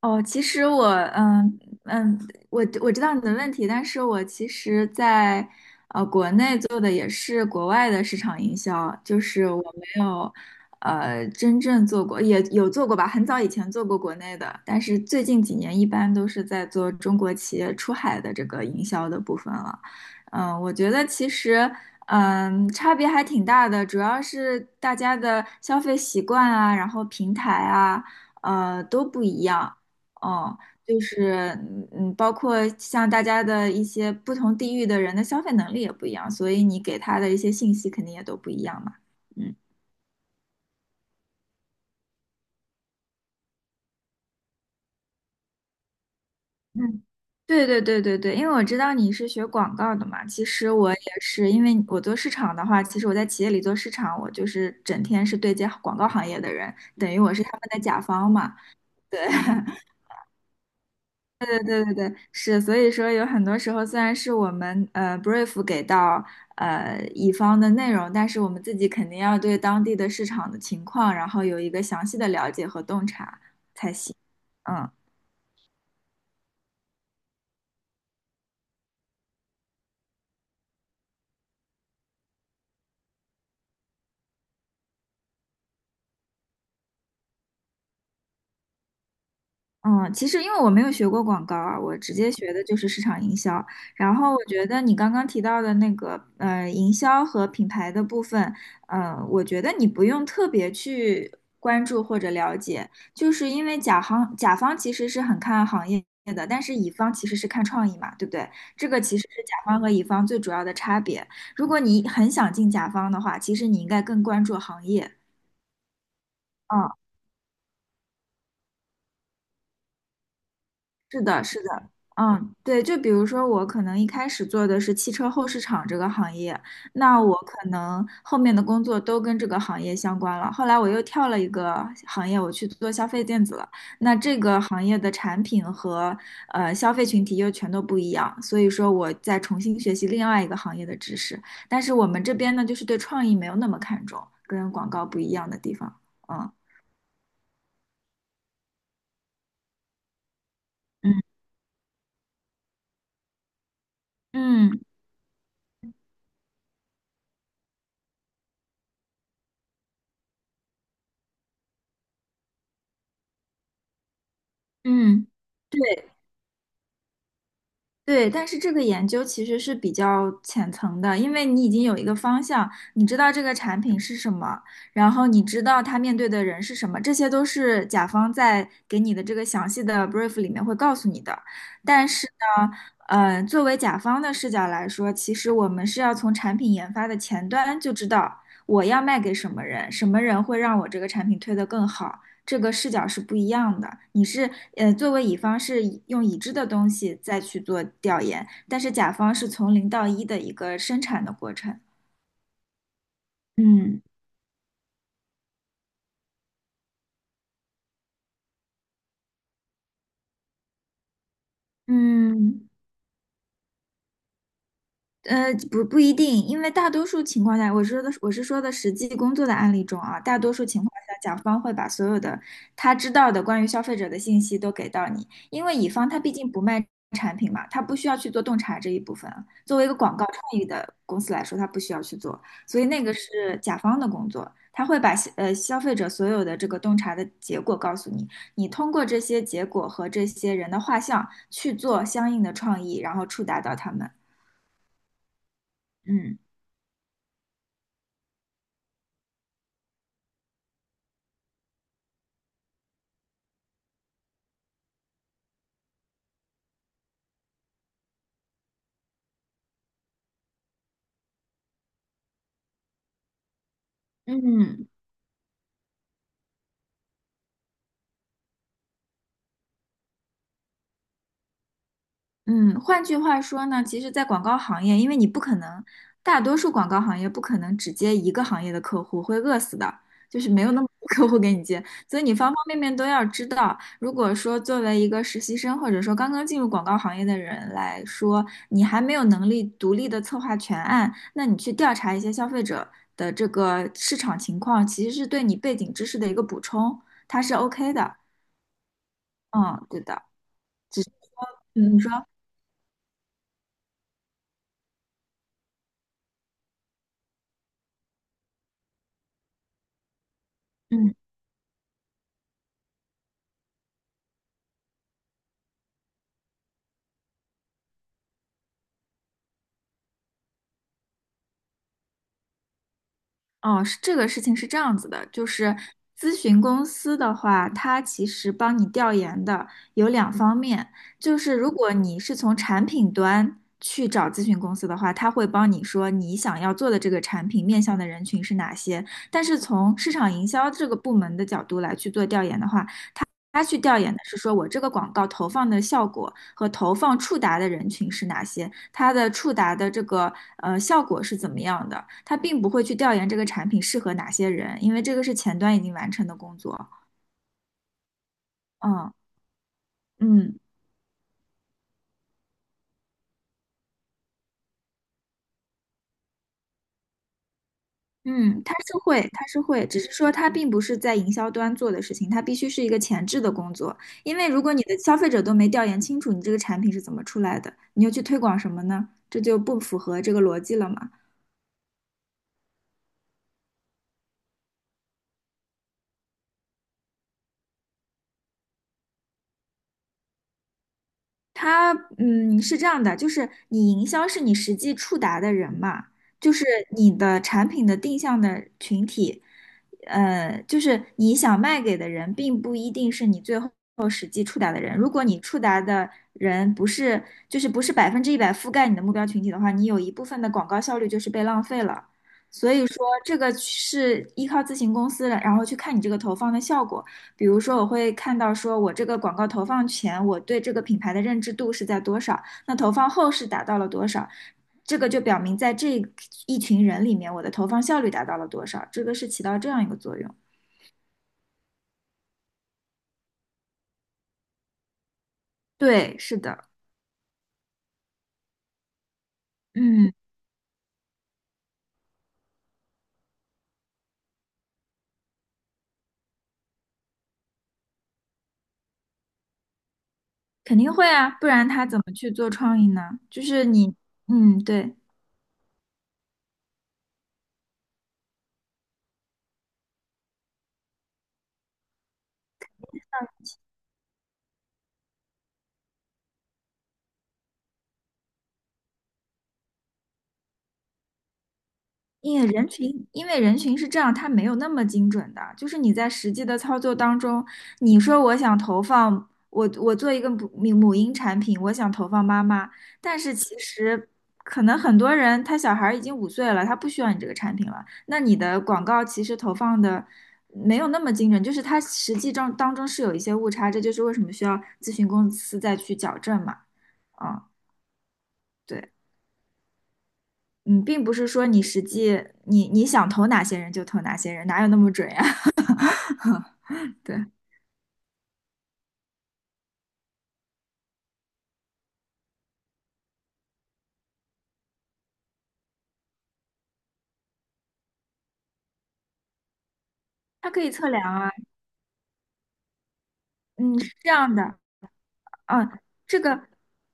哦，其实我，嗯嗯，我知道你的问题，但是我其实在，国内做的也是国外的市场营销，就是我没有真正做过，也有做过吧，很早以前做过国内的，但是最近几年一般都是在做中国企业出海的这个营销的部分了。嗯，我觉得其实。嗯，差别还挺大的，主要是大家的消费习惯啊，然后平台啊，都不一样。哦，就是包括像大家的一些不同地域的人的消费能力也不一样，所以你给他的一些信息肯定也都不一样嘛。嗯嗯，对对对对对，因为我知道你是学广告的嘛，其实我也是，因为我做市场的话，其实我在企业里做市场，我就是整天是对接广告行业的人，等于我是他们的甲方嘛。对，对对对对，对，是，所以说有很多时候，虽然是我们brief 给到乙方的内容，但是我们自己肯定要对当地的市场的情况，然后有一个详细的了解和洞察。嗯。嗯，其实因为我没有学过广告啊，我直接学的就是市场营销。然后我觉得你刚刚提到的那个营销和品牌的部分，嗯，我觉得你不用特别去关注或者了解，就是因为甲方其实是很看行业的，但是乙方其实是看创意嘛，对不对？这个其实是甲方和乙方最主要的差别。如果你很想进甲方的话，其实你应该更关注行业。嗯，是的，是的，嗯，对，就比如说我可能一开始做的是汽车后市场这个行业，那我可能后面的工作都跟这个行业相关了。后来我又跳了一个行业，我去做消费电子了。那这个行业的产品和消费群体又全都不一样，所以说我再重新学习另外一个行业的知识。但是我们这边呢，就是对创意没有那么看重，跟广告不一样的地方。嗯嗯嗯嗯，对。对，但是这个研究其实是比较浅层的，因为你已经有一个方向，你知道这个产品是什么，然后你知道它面对的人是什么，这些都是甲方在给你的这个详细的 brief 里面会告诉你的。但是呢，呃，作为甲方的视角来说，其实我们是要从产品研发的前端就知道我要卖给什么人，什么人会让我这个产品推得更好。这个视角是不一样的。作为乙方是以用已知的东西再去做调研，但是甲方是从零到一的一个生产的过程。嗯嗯，呃，不一定，因为大多数情况下，我是说的实际工作的案例中啊，大多数情况下，甲方会把所有的他知道的关于消费者的信息都给到你，因为乙方他毕竟不卖产品嘛，他不需要去做洞察这一部分啊，作为一个广告创意的公司来说，他不需要去做，所以那个是甲方的工作，他会把消费者所有的这个洞察的结果告诉你，你通过这些结果和这些人的画像去做相应的创意，然后触达到他们。嗯。嗯嗯，换句话说呢，其实，在广告行业，因为你不可能，大多数广告行业不可能只接一个行业的客户，会饿死的，就是没有那么多 客户给你接，所以你方方面面都要知道。如果说作为一个实习生，或者说刚刚进入广告行业的人来说，你还没有能力独立的策划全案，那你去调查一些消费者的这个市场情况，其实是对你背景知识的一个补充，它是 OK 的。嗯，对的。嗯，你说。嗯。哦，是，这个事情是这样子的，就是咨询公司的话，它其实帮你调研的有两方面，就是如果你是从产品端去找咨询公司的话，它会帮你说你想要做的这个产品面向的人群是哪些，但是从市场营销这个部门的角度来去做调研的话，他去调研的是说我这个广告投放的效果和投放触达的人群是哪些，它的触达的这个效果是怎么样的，他并不会去调研这个产品适合哪些人，因为这个是前端已经完成的工作。嗯嗯嗯，他是会，他是会，只是说他并不是在营销端做的事情，他必须是一个前置的工作，因为如果你的消费者都没调研清楚你这个产品是怎么出来的，你又去推广什么呢？这就不符合这个逻辑了嘛。它是这样的，就是你营销是你实际触达的人嘛，就是你的产品的定向的群体，呃，就是你想卖给的人，并不一定是你最后实际触达的人。如果你触达的人不是，就是不是100%覆盖你的目标群体的话，你有一部分的广告效率就是被浪费了。所以说，这个是依靠咨询公司的，然后去看你这个投放的效果。比如说，我会看到说我这个广告投放前，我对这个品牌的认知度是在多少，那投放后是达到了多少，这个就表明在这一群人里面，我的投放效率达到了多少，这个是起到这样一个作用。对，是的，嗯，肯定会啊，不然他怎么去做创意呢？就是你，嗯，对。因为人群，因为人群是这样，它没有那么精准的。就是你在实际的操作当中，你说我想投放，我做一个母婴产品，我想投放妈妈，但是其实可能很多人他小孩儿已经5岁了，他不需要你这个产品了。那你的广告其实投放的没有那么精准，就是它实际中当中是有一些误差，这就是为什么需要咨询公司再去矫正嘛。啊，对。嗯，并不是说你实际你想投哪些人就投哪些人，哪有那么准呀？对，它可以测量啊。嗯，是这样的，嗯，这个，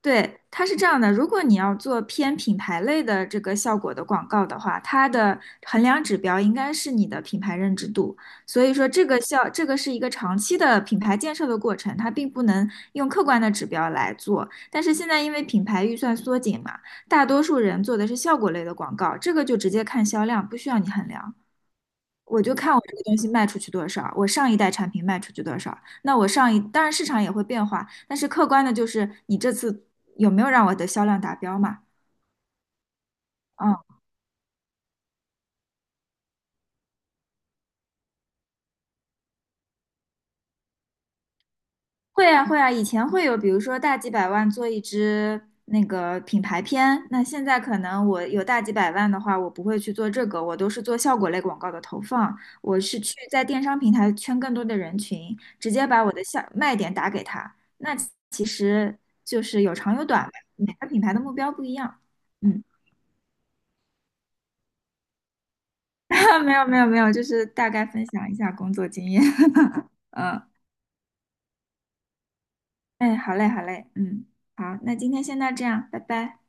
对，它是这样的，如果你要做偏品牌类的这个效果的广告的话，它的衡量指标应该是你的品牌认知度。所以说，这个效，这个是一个长期的品牌建设的过程，它并不能用客观的指标来做。但是现在因为品牌预算缩紧嘛，大多数人做的是效果类的广告，这个就直接看销量，不需要你衡量。我就看我这个东西卖出去多少，我上一代产品卖出去多少。那我上一，当然市场也会变化，但是客观的就是你这次有没有让我的销量达标嘛？嗯。会啊会啊，以前会有，比如说大几百万做一支那个品牌片，那现在可能我有大几百万的话，我不会去做这个，我都是做效果类广告的投放，我是去在电商平台圈更多的人群，直接把我的下卖点打给他。那其实就是有长有短吧，每个品牌的目标不一样。嗯，没有没有没有，就是大概分享一下工作经验。嗯，哎，好嘞好嘞，嗯，好，那今天先到这样，拜拜。